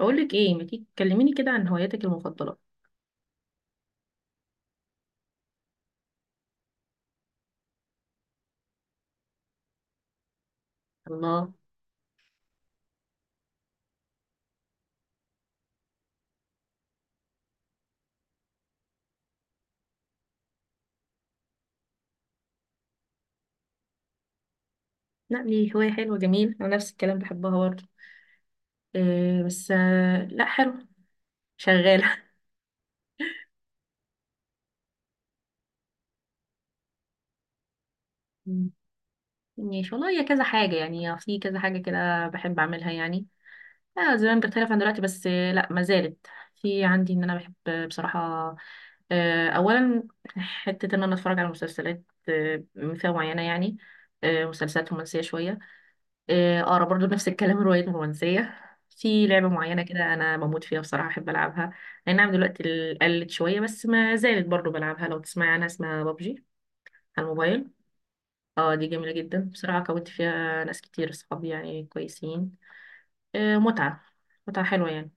اقول لك ايه ما تيجي تكلميني كده عن هواياتك المفضله؟ الله. لا دي هوايه حلوه، جميل، انا نفس الكلام بحبها برضه. إيه بس لا حلو. شغاله. مم. ماشي والله، هي كذا حاجه يعني، في كذا حاجه كده بحب اعملها يعني. زمان بختلف عن دلوقتي، بس لا ما زالت. في عندي ان انا بحب، بصراحه، اولا حته ان انا اتفرج على مسلسلات، آه، فئه معينه يعني، مسلسلات رومانسيه شويه. برضه نفس الكلام، الروايات الرومانسية. في لعبة معينة كده أنا بموت فيها بصراحة، أحب ألعبها. أي نعم، دلوقتي قلت شوية بس ما زالت برضه بلعبها، لو تسمعي عنها اسمها بابجي، على الموبايل. اه دي جميلة جدا بصراحة، كونت فيها ناس كتير صحابي يعني كويسين. آه متعة، متعة حلوة يعني.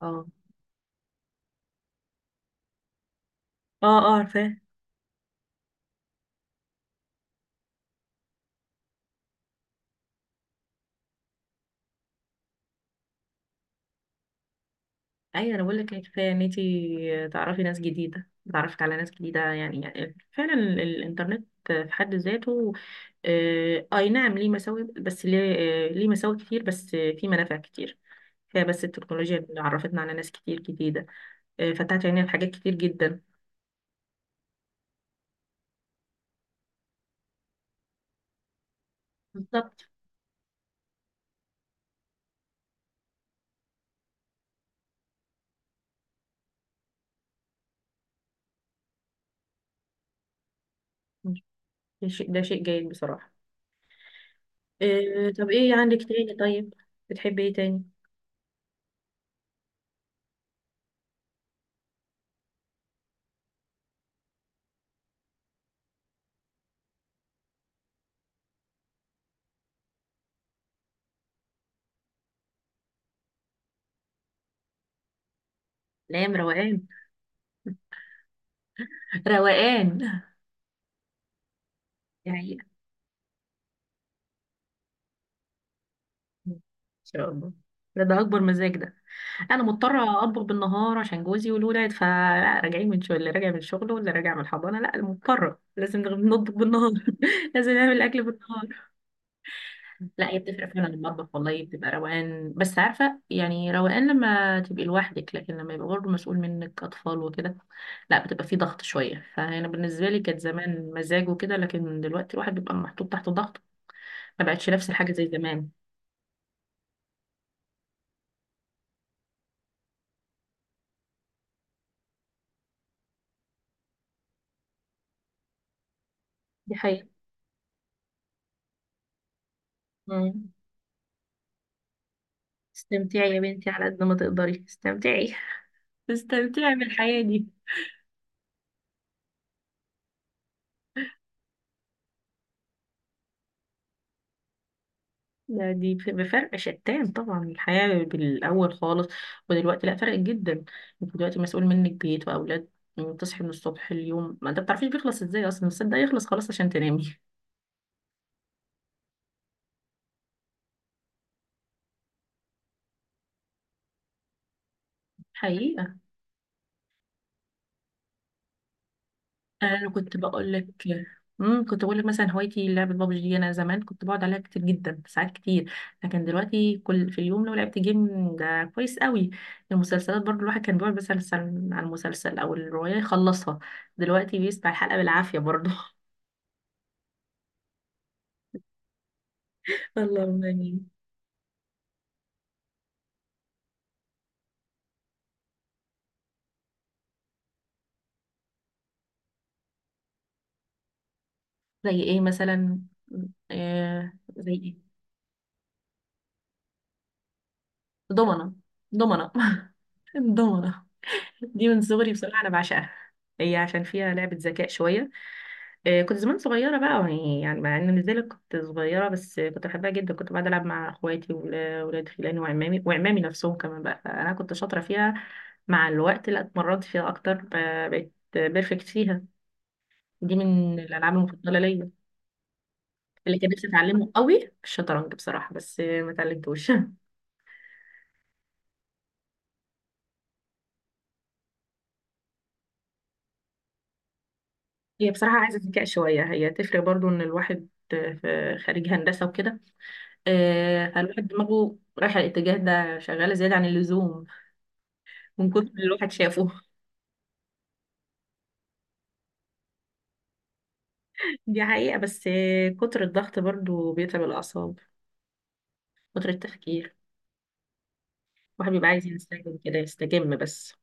اه اه اه عارفاه. أيوة، أنا بقول لك كفاية إن أنتي تعرفي ناس جديدة، تعرفت على ناس جديدة يعني فعلا الإنترنت في حد ذاته، اي نعم ليه مساوئ، بس ليه ليه مساوئ كتير، بس في منافع كتير. هي بس التكنولوجيا اللي عرفتنا على ناس كتير جديدة، فتحت عينينا لحاجات كتير جدا. بالظبط. ده شيء جيد بصراحة. طب ايه عندك تاني؟ طيب، بتحبي ايه تاني؟ الايام روقان. روقان. دي حقيقة. ان شاء الله. ده اكبر مزاج ده. انا مضطره اطبخ بالنهار عشان جوزي والولاد، فلا راجعين من شغل، اللي راجع من شغله واللي راجع من الحضانه، لا مضطره لازم نطبخ بالنهار. لازم نعمل اكل بالنهار. لا، هي بتفرق فعلا المطبخ، والله بتبقى روقان، بس عارفه يعني روقان لما تبقي لوحدك، لكن لما يبقى برضه مسؤول منك اطفال وكده، لا بتبقى في ضغط شويه، فانا بالنسبه لي كانت زمان مزاج وكده، لكن دلوقتي الواحد بيبقى محطوط تحت ضغط، ما بقتش نفس الحاجه زي زمان. دي حقيقة. مم. استمتعي يا بنتي، على قد ما تقدري استمتعي، تستمتعي بالحياة دي. دي بفرق شتان طبعا، الحياة بالأول خالص، ودلوقتي لا، فرق جدا. انت دلوقتي مسؤول منك بيت وأولاد، تصحي من الصبح، اليوم ما انت بتعرفيش بيخلص ازاي اصلا، بس ده يخلص خلاص عشان تنامي. حقيقي. انا كنت بقول لك، كنت بقول لك مثلا هوايتي لعبه بابجي دي، انا زمان كنت بقعد عليها كتير جدا ساعات كتير، لكن دلوقتي كل في اليوم لو لعبت جيم ده كويس قوي. المسلسلات برضو الواحد كان بيقعد مثلا على المسلسل او الروايه يخلصها، دلوقتي بيسمع الحلقه بالعافيه برضو. اللهم امين. زي ايه مثلا؟ زي ايه؟ ضمنه، ضمنه، ضمنه. دي من صغري بصراحه انا بعشقها، هي عشان فيها لعبه ذكاء شويه. كنت زمان صغيرة بقى يعني مع ان مش زالت كنت صغيرة، بس كنت بحبها جدا، كنت بقعد ألعب مع اخواتي وولاد خلاني وعمامي نفسهم كمان بقى، فأنا كنت شاطرة فيها. مع الوقت لا، اتمرنت فيها أكتر، بقيت بيرفكت فيها، دي من الألعاب المفضلة ليا. اللي كان نفسي أتعلمه قوي الشطرنج بصراحة، بس ما اتعلمتوش. هي بصراحة عايزة ذكاء شوية، هي تفرق برضو إن الواحد في خارج هندسة وكده، فالواحد دماغه رايحة الاتجاه ده، شغالة زيادة عن اللزوم من كتر اللي الواحد شافه. دي حقيقة، بس كتر الضغط برضو بيتعب الأعصاب، كتر التفكير، الواحد بيبقى عايز يستجم كده، يستجم بس.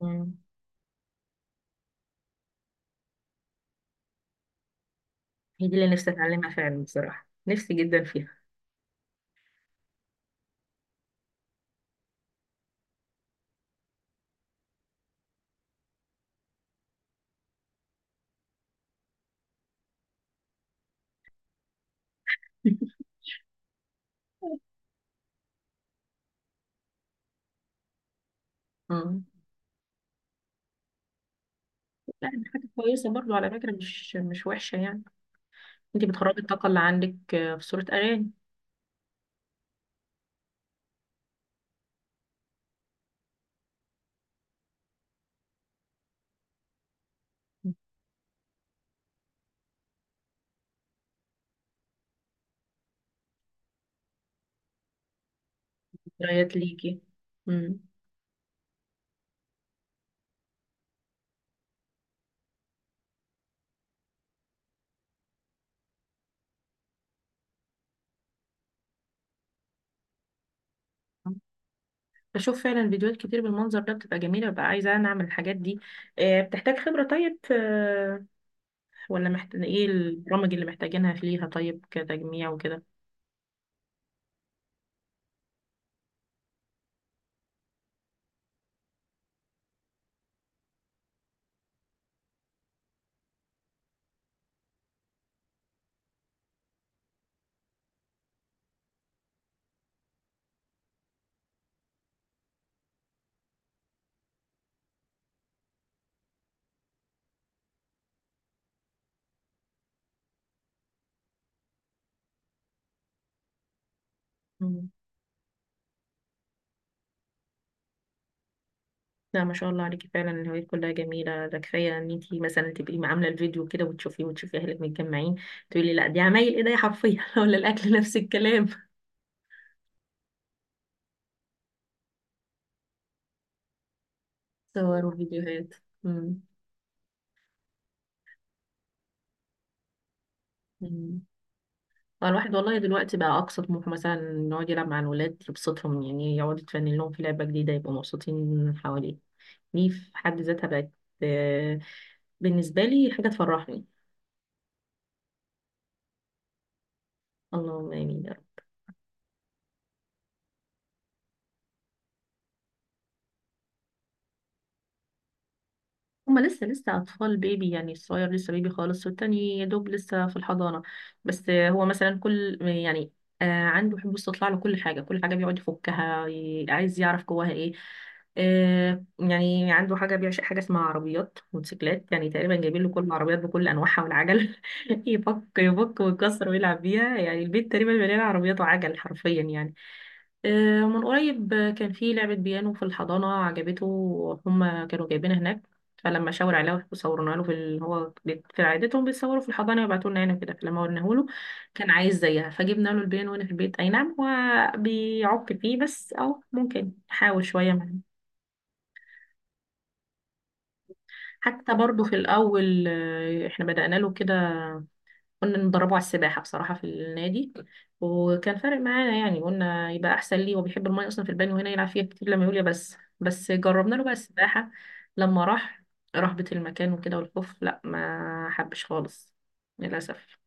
مم. هي دي اللي نفسي أتعلمها فعلا بصراحة، نفسي جدا فيها. مم. لا دي حاجة كويسة برضو على فكرة، مش وحشة يعني، انتي بتخرجي الطاقة اللي عندك في صورة أغاني، ذكريات ليكي. مم. بشوف فعلا فيديوهات كتير بالمنظر ده بتبقى جميلة، ببقى عايزة أنا أعمل الحاجات دي. بتحتاج خبرة طيب في، ولا محتاج ايه البرامج اللي محتاجينها ليها طيب، كتجميع وكده؟ مم. لا ما شاء الله عليكي، فعلا الهوايات كلها جميلة، ده كفاية ان انتي مثلا تبقي عاملة الفيديو كده وتشوفي اهلك متجمعين، تقولي لا دي عمايل ايديا حرفيا. ولا الاكل نفس الكلام، صور وفيديوهات. مم. مم. هو الواحد والله دلوقتي بقى اقصى طموحه مثلا إنه يقعد يلعب مع الولاد يبسطهم يعني، يقعد يتفنن لهم في لعبة جديدة يبقوا مبسوطين حواليه، دي في حد ذاتها بقت آه، بالنسبة لي حاجة تفرحني. اللهم آمين. هما لسه أطفال بيبي يعني، الصغير لسه بيبي خالص، والتاني يا دوب لسه في الحضانة، بس هو مثلا كل يعني عنده حب استطلاع لكل حاجة، كل حاجة بيقعد يفكها، عايز يعرف جواها ايه. يعني عنده حاجة بيعشق حاجة اسمها عربيات موتوسيكلات، يعني تقريبا جايبين له كل العربيات بكل أنواعها والعجل. يفك يفك ويكسر ويلعب بيها يعني، البيت تقريبا مليان عربيات وعجل حرفيا يعني. من قريب كان في لعبة بيانو في الحضانة عجبته، هما كانوا جايبينها هناك، فلما شاور عليه وصورنا له في ال... هو بيت- في عادتهم بيصوروا في الحضانه ويبعتوا لنا هنا كده، فلما ورناه له كان عايز زيها، فجبنا له البيان وانا في البيت، اي نعم هو بيعك فيه بس، او ممكن يحاول شويه معانا. حتى برضو في الاول احنا بدأنا له كده، كنا ندربه على السباحة بصراحة في النادي، وكان فارق معانا يعني، قلنا يبقى أحسن ليه، هو بيحب المية أصلا، في البانيو هنا يلعب فيها كتير لما يقول يا بس بس، جربنا له بقى السباحة. لما راح رهبة المكان وكده والخوف، لا ما حبش خالص، للأسف.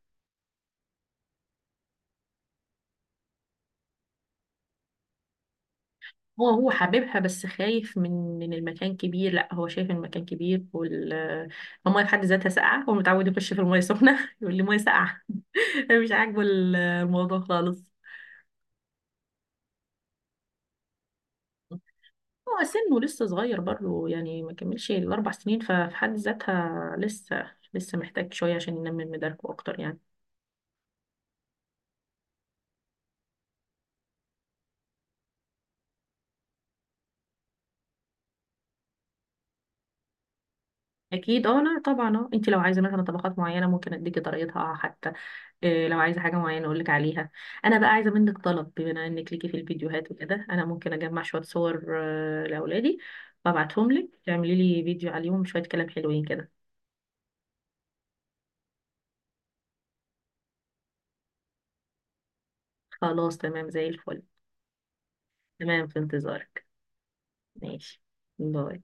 هو حاببها بس خايف من المكان كبير، لا هو شايف المكان كبير المية في حد ذاتها ساقعة، هو متعود يخش في المية سخنة. يقول لي مية ساقعة. مش عاجبه الموضوع خالص. هو سنه لسه صغير برضه يعني، ما كملش الأربع سنين، ففي حد ذاتها لسه محتاج شوية عشان ينمي من مداركه أكتر يعني. أكيد أه لا طبعا أه، أنت لو عايزة مثلا طبقات معينة ممكن أديكي طريقتها، حتى إيه لو عايزة حاجة معينة أقولك عليها. أنا بقى عايزة منك طلب، بما إنك ليكي في الفيديوهات وكده، أنا ممكن أجمع شوية صور لأولادي وأبعتهم لك تعملي لي فيديو عليهم، شوية كلام حلوين كده. خلاص تمام زي الفل. تمام في انتظارك. ماشي. باي.